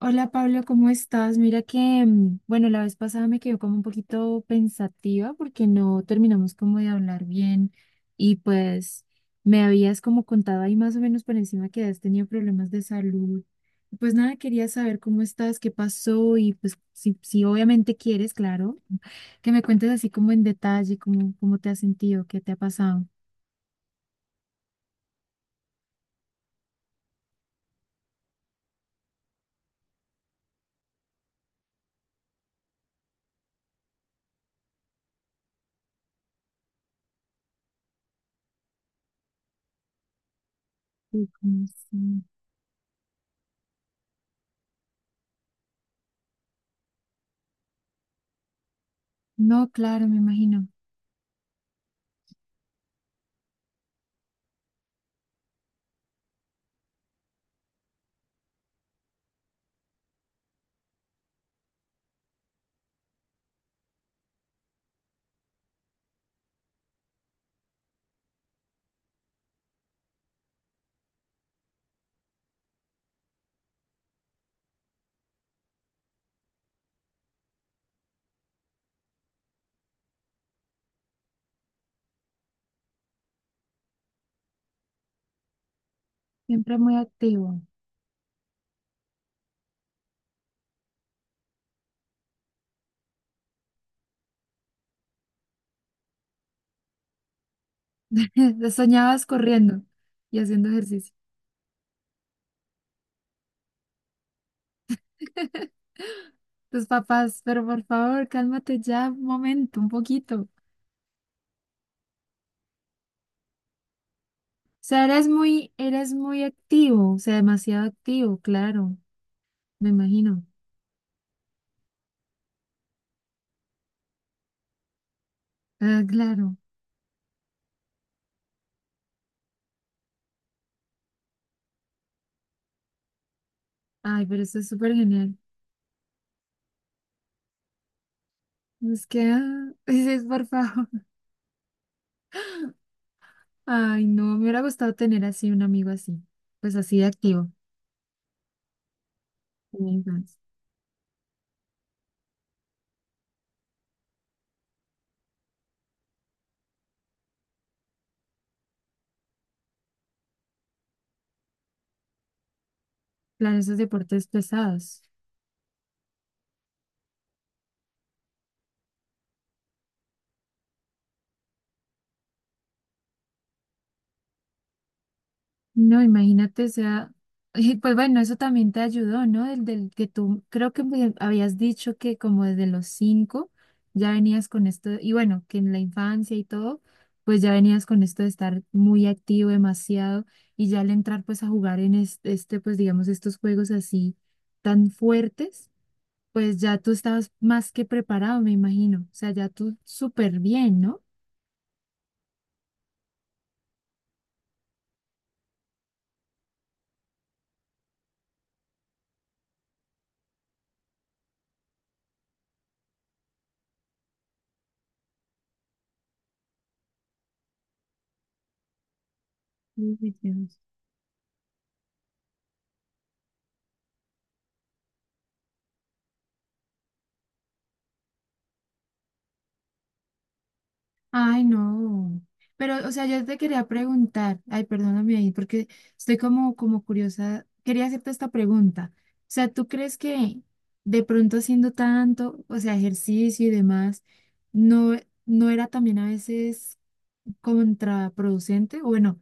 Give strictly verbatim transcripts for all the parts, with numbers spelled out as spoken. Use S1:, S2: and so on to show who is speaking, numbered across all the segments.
S1: Hola Pablo, ¿cómo estás? Mira que, mm, bueno, la vez pasada me quedó como un poquito pensativa porque no terminamos como de hablar bien y pues me habías como contado ahí más o menos por encima que has tenido problemas de salud. Pues nada, quería saber cómo estás, qué pasó y pues si, si obviamente quieres, claro, que me cuentes así como en detalle cómo, cómo te has sentido, qué te ha pasado. Sí, como sí. No, claro, me imagino. Siempre muy activo. Soñabas corriendo y haciendo ejercicio. Tus papás, pero por favor, cálmate ya un momento, un poquito. O sea, eres muy, eres muy activo, o sea, demasiado activo, claro, me imagino. Ah, claro. Ay, pero eso es súper genial. Es que, ah, dices, por favor. Ay, no, me hubiera gustado tener así un amigo así, pues así de activo. Entonces, claro, esos deportes pesados. No, imagínate, o sea, y pues bueno, eso también te ayudó, ¿no? El del que tú creo que me habías dicho que como desde los cinco ya venías con esto, y bueno, que en la infancia y todo, pues ya venías con esto de estar muy activo demasiado y ya al entrar pues a jugar en es- este, pues digamos, estos juegos así tan fuertes, pues ya tú estabas más que preparado, me imagino, o sea, ya tú súper bien, ¿no? Sí, sí, sí. Ay, no. Pero, o sea, yo te quería preguntar, ay, perdóname ahí, porque estoy como, como curiosa, quería hacerte esta pregunta. O sea, ¿tú crees que de pronto haciendo tanto, o sea, ejercicio y demás, no, no era también a veces contraproducente, o bueno,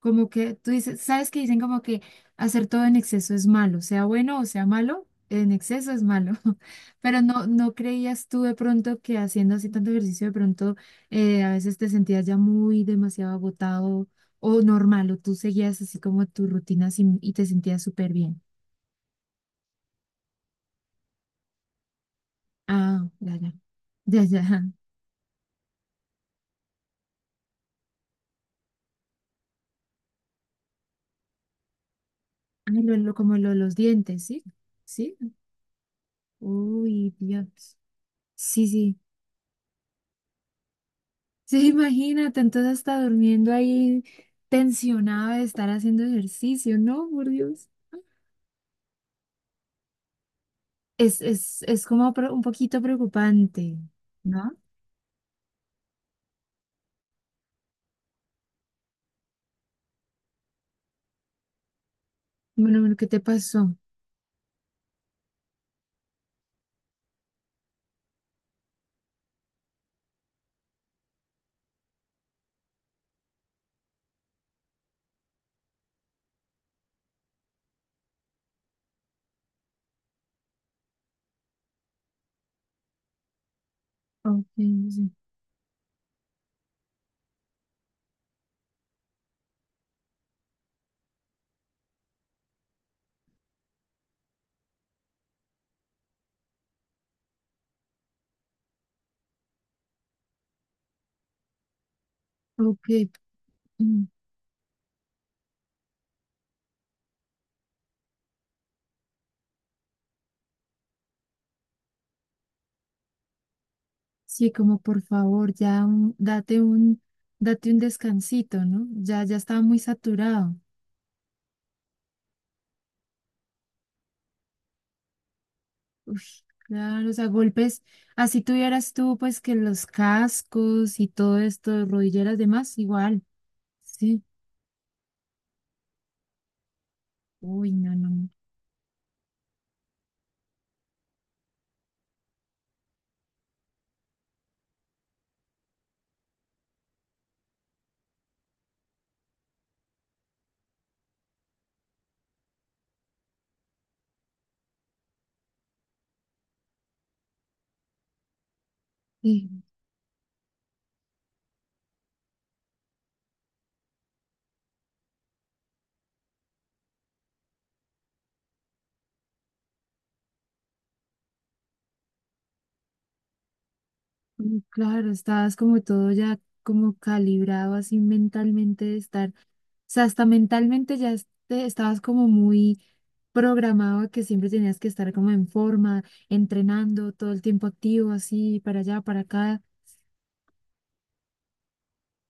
S1: como que tú dices, sabes que dicen como que hacer todo en exceso es malo, sea bueno o sea malo, en exceso es malo, pero no, no creías tú de pronto que haciendo así tanto ejercicio de pronto eh, a veces te sentías ya muy demasiado agotado o normal, o tú seguías así como tu rutina sin- y te sentías súper bien. Ah, ya, ya, ya, ya. Ah, lo, lo- como lo de los dientes, ¿sí? ¿Sí? Uy, Dios. Sí, sí. Sí, imagínate, entonces está durmiendo ahí tensionada de estar haciendo ejercicio, ¿no? Por Dios. Es, es, es como pre- un poquito preocupante, ¿no? Bueno, bueno, ¿qué te pasó? Ok, sí. Ok, mm, sí, como por favor, ya un- date un, date un descansito, ¿no? Ya, ya estaba muy saturado. Uf, claro, o sea, golpes, así tuvieras tú, pues que los cascos y todo esto, rodilleras, demás, igual, sí. Uy, no, no, no. Y y claro, estabas como todo ya como calibrado así mentalmente de estar, o sea, hasta mentalmente ya es- te- estabas como muy programado a que siempre tenías que estar como en forma, entrenando todo el tiempo activo, así para allá, para acá.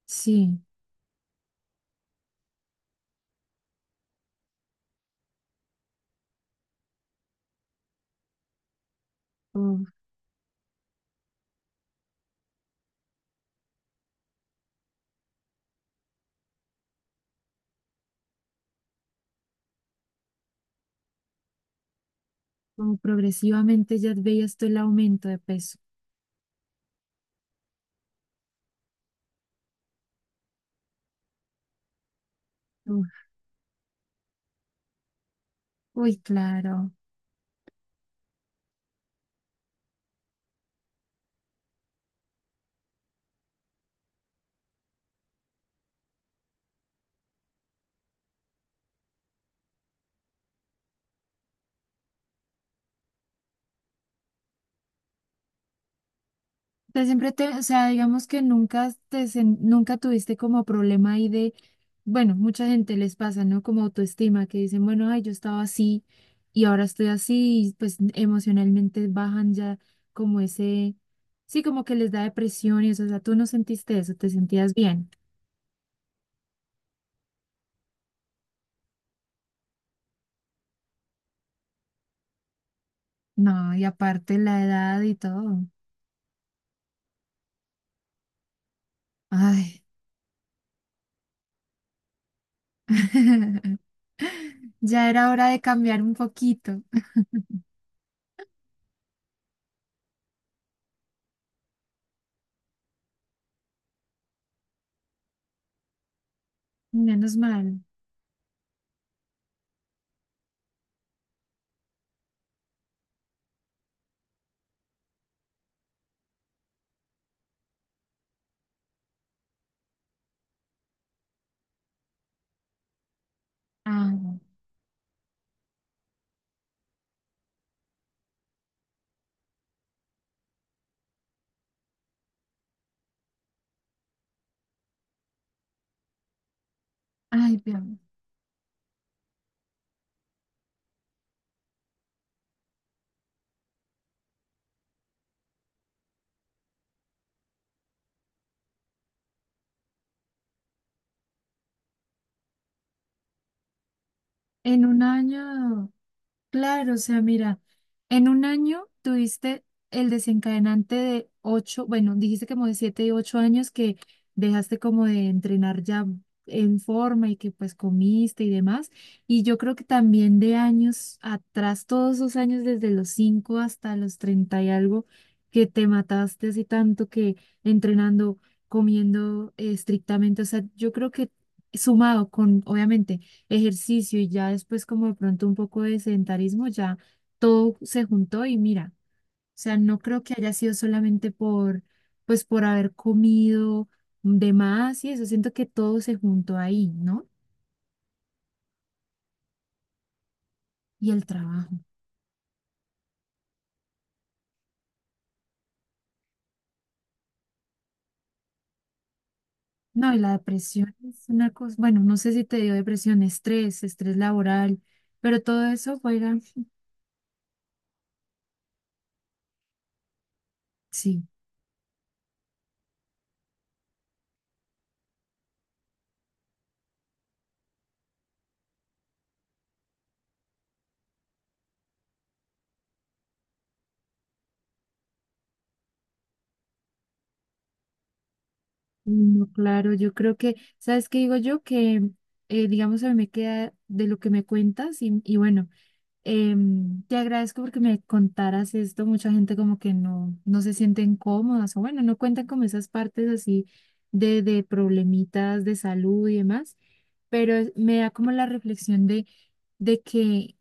S1: Sí, o como progresivamente ya veías tú el aumento de peso. Uf, uy, claro. Sea, siempre te, o sea, digamos que nunca te, sen- nunca tuviste como problema ahí de, bueno, mucha gente les pasa, ¿no? Como autoestima, que dicen, bueno, ay, yo estaba así y ahora estoy así, y pues emocionalmente bajan ya como ese, sí, como que les da depresión y eso, o sea, tú no sentiste eso, te sentías bien. No, y aparte la edad y todo. Ay, ya era hora de cambiar un poquito. Menos mal. Ah, ay, veamos. En un año. Claro, o sea, mira, en un año tuviste el desencadenante de ocho, bueno, dijiste como de siete y ocho años que dejaste como de entrenar ya en forma y que pues comiste y demás. Y yo creo que también de años atrás, todos esos años desde los cinco hasta los treinta y algo, que te mataste así tanto que entrenando, comiendo eh, estrictamente, o sea, yo creo que sumado con, obviamente ejercicio y ya después como de pronto un poco de sedentarismo, ya todo se juntó y mira, o sea, no creo que haya sido solamente por, pues por haber comido de más y eso, siento que todo se juntó ahí, ¿no? Y el trabajo. No, y la depresión es una cosa, bueno, no sé si te dio depresión, estrés, estrés laboral, pero todo eso fuera, sí, no, claro, yo creo que, ¿sabes qué digo yo? Que, eh, digamos, a mí me queda de lo que me cuentas y, y bueno. Em, te agradezco porque me contaras esto. Mucha gente como que no, no se sienten cómodas o bueno, no cuentan como esas partes así de, de problemitas de salud y demás, pero es- me da como la reflexión de, de que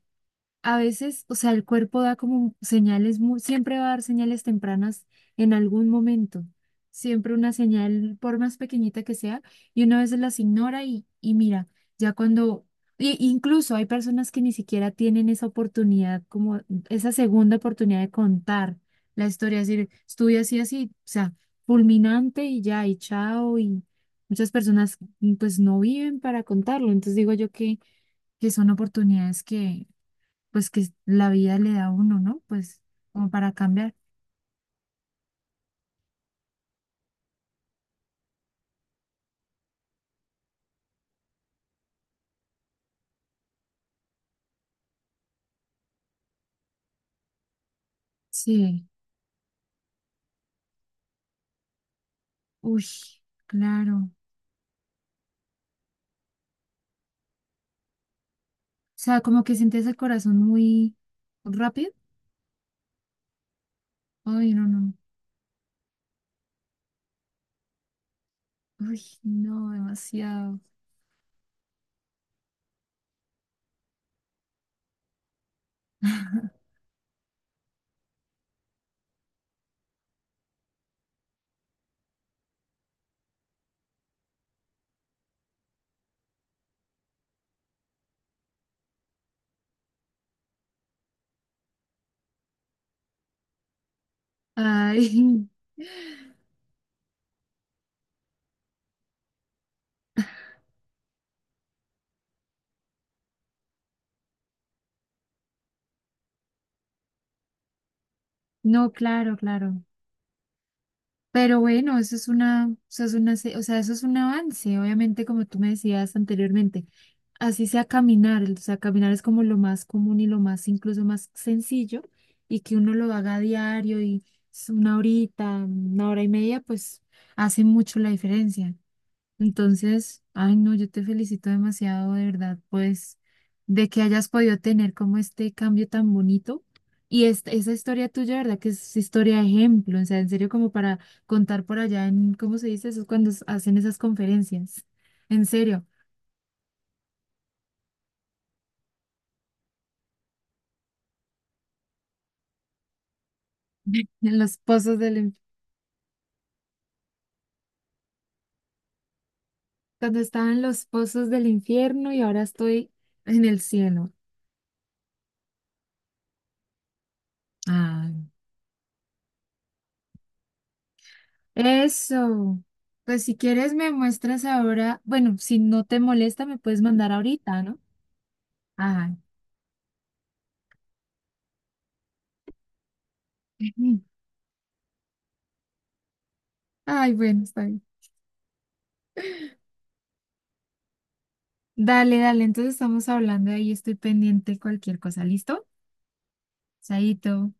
S1: a veces, o sea, el cuerpo da como señales, mu- siempre va a dar señales tempranas en algún momento, siempre una señal, por más pequeñita que sea, y uno a veces las ignora y, y mira, ya cuando, y- incluso hay personas que ni siquiera tienen esa oportunidad, como esa segunda oportunidad de contar la historia, es decir, estuve así, así, o sea, fulminante y ya, y chao, y muchas personas pues no viven para contarlo, entonces digo yo que, que son oportunidades que pues que la vida le da a uno, ¿no? Pues como para cambiar. Sí, uy, claro. O sea, como que sientes el corazón muy rápido. Ay, no, no. Uy, no, demasiado. Ay, no, claro, claro. Pero bueno, eso es una, eso es una, se- o sea, eso es un avance, obviamente, como tú me decías anteriormente, así sea caminar, o sea, caminar es como lo más común y lo más, incluso más sencillo, y que uno lo haga a diario y es una horita, una hora y media, pues hace mucho la diferencia. Entonces, ay, no, yo te felicito demasiado, de verdad, pues, de que hayas podido tener como este cambio tan bonito. Y esta, esa historia tuya, ¿verdad? Que es historia de ejemplo, o sea, en serio, como para contar por allá en, ¿cómo se dice eso? Es cuando s- hacen esas conferencias, en serio. en los pozos del, in- Cuando estaba en los pozos del infierno y ahora estoy en el cielo. Ay, eso. Pues si quieres me muestras ahora, bueno, si no te molesta me puedes mandar ahorita, ¿no? Ay, ay, bueno, está bien. Dale, dale, entonces estamos hablando ahí, estoy pendiente de cualquier cosa, ¿listo? Chaito.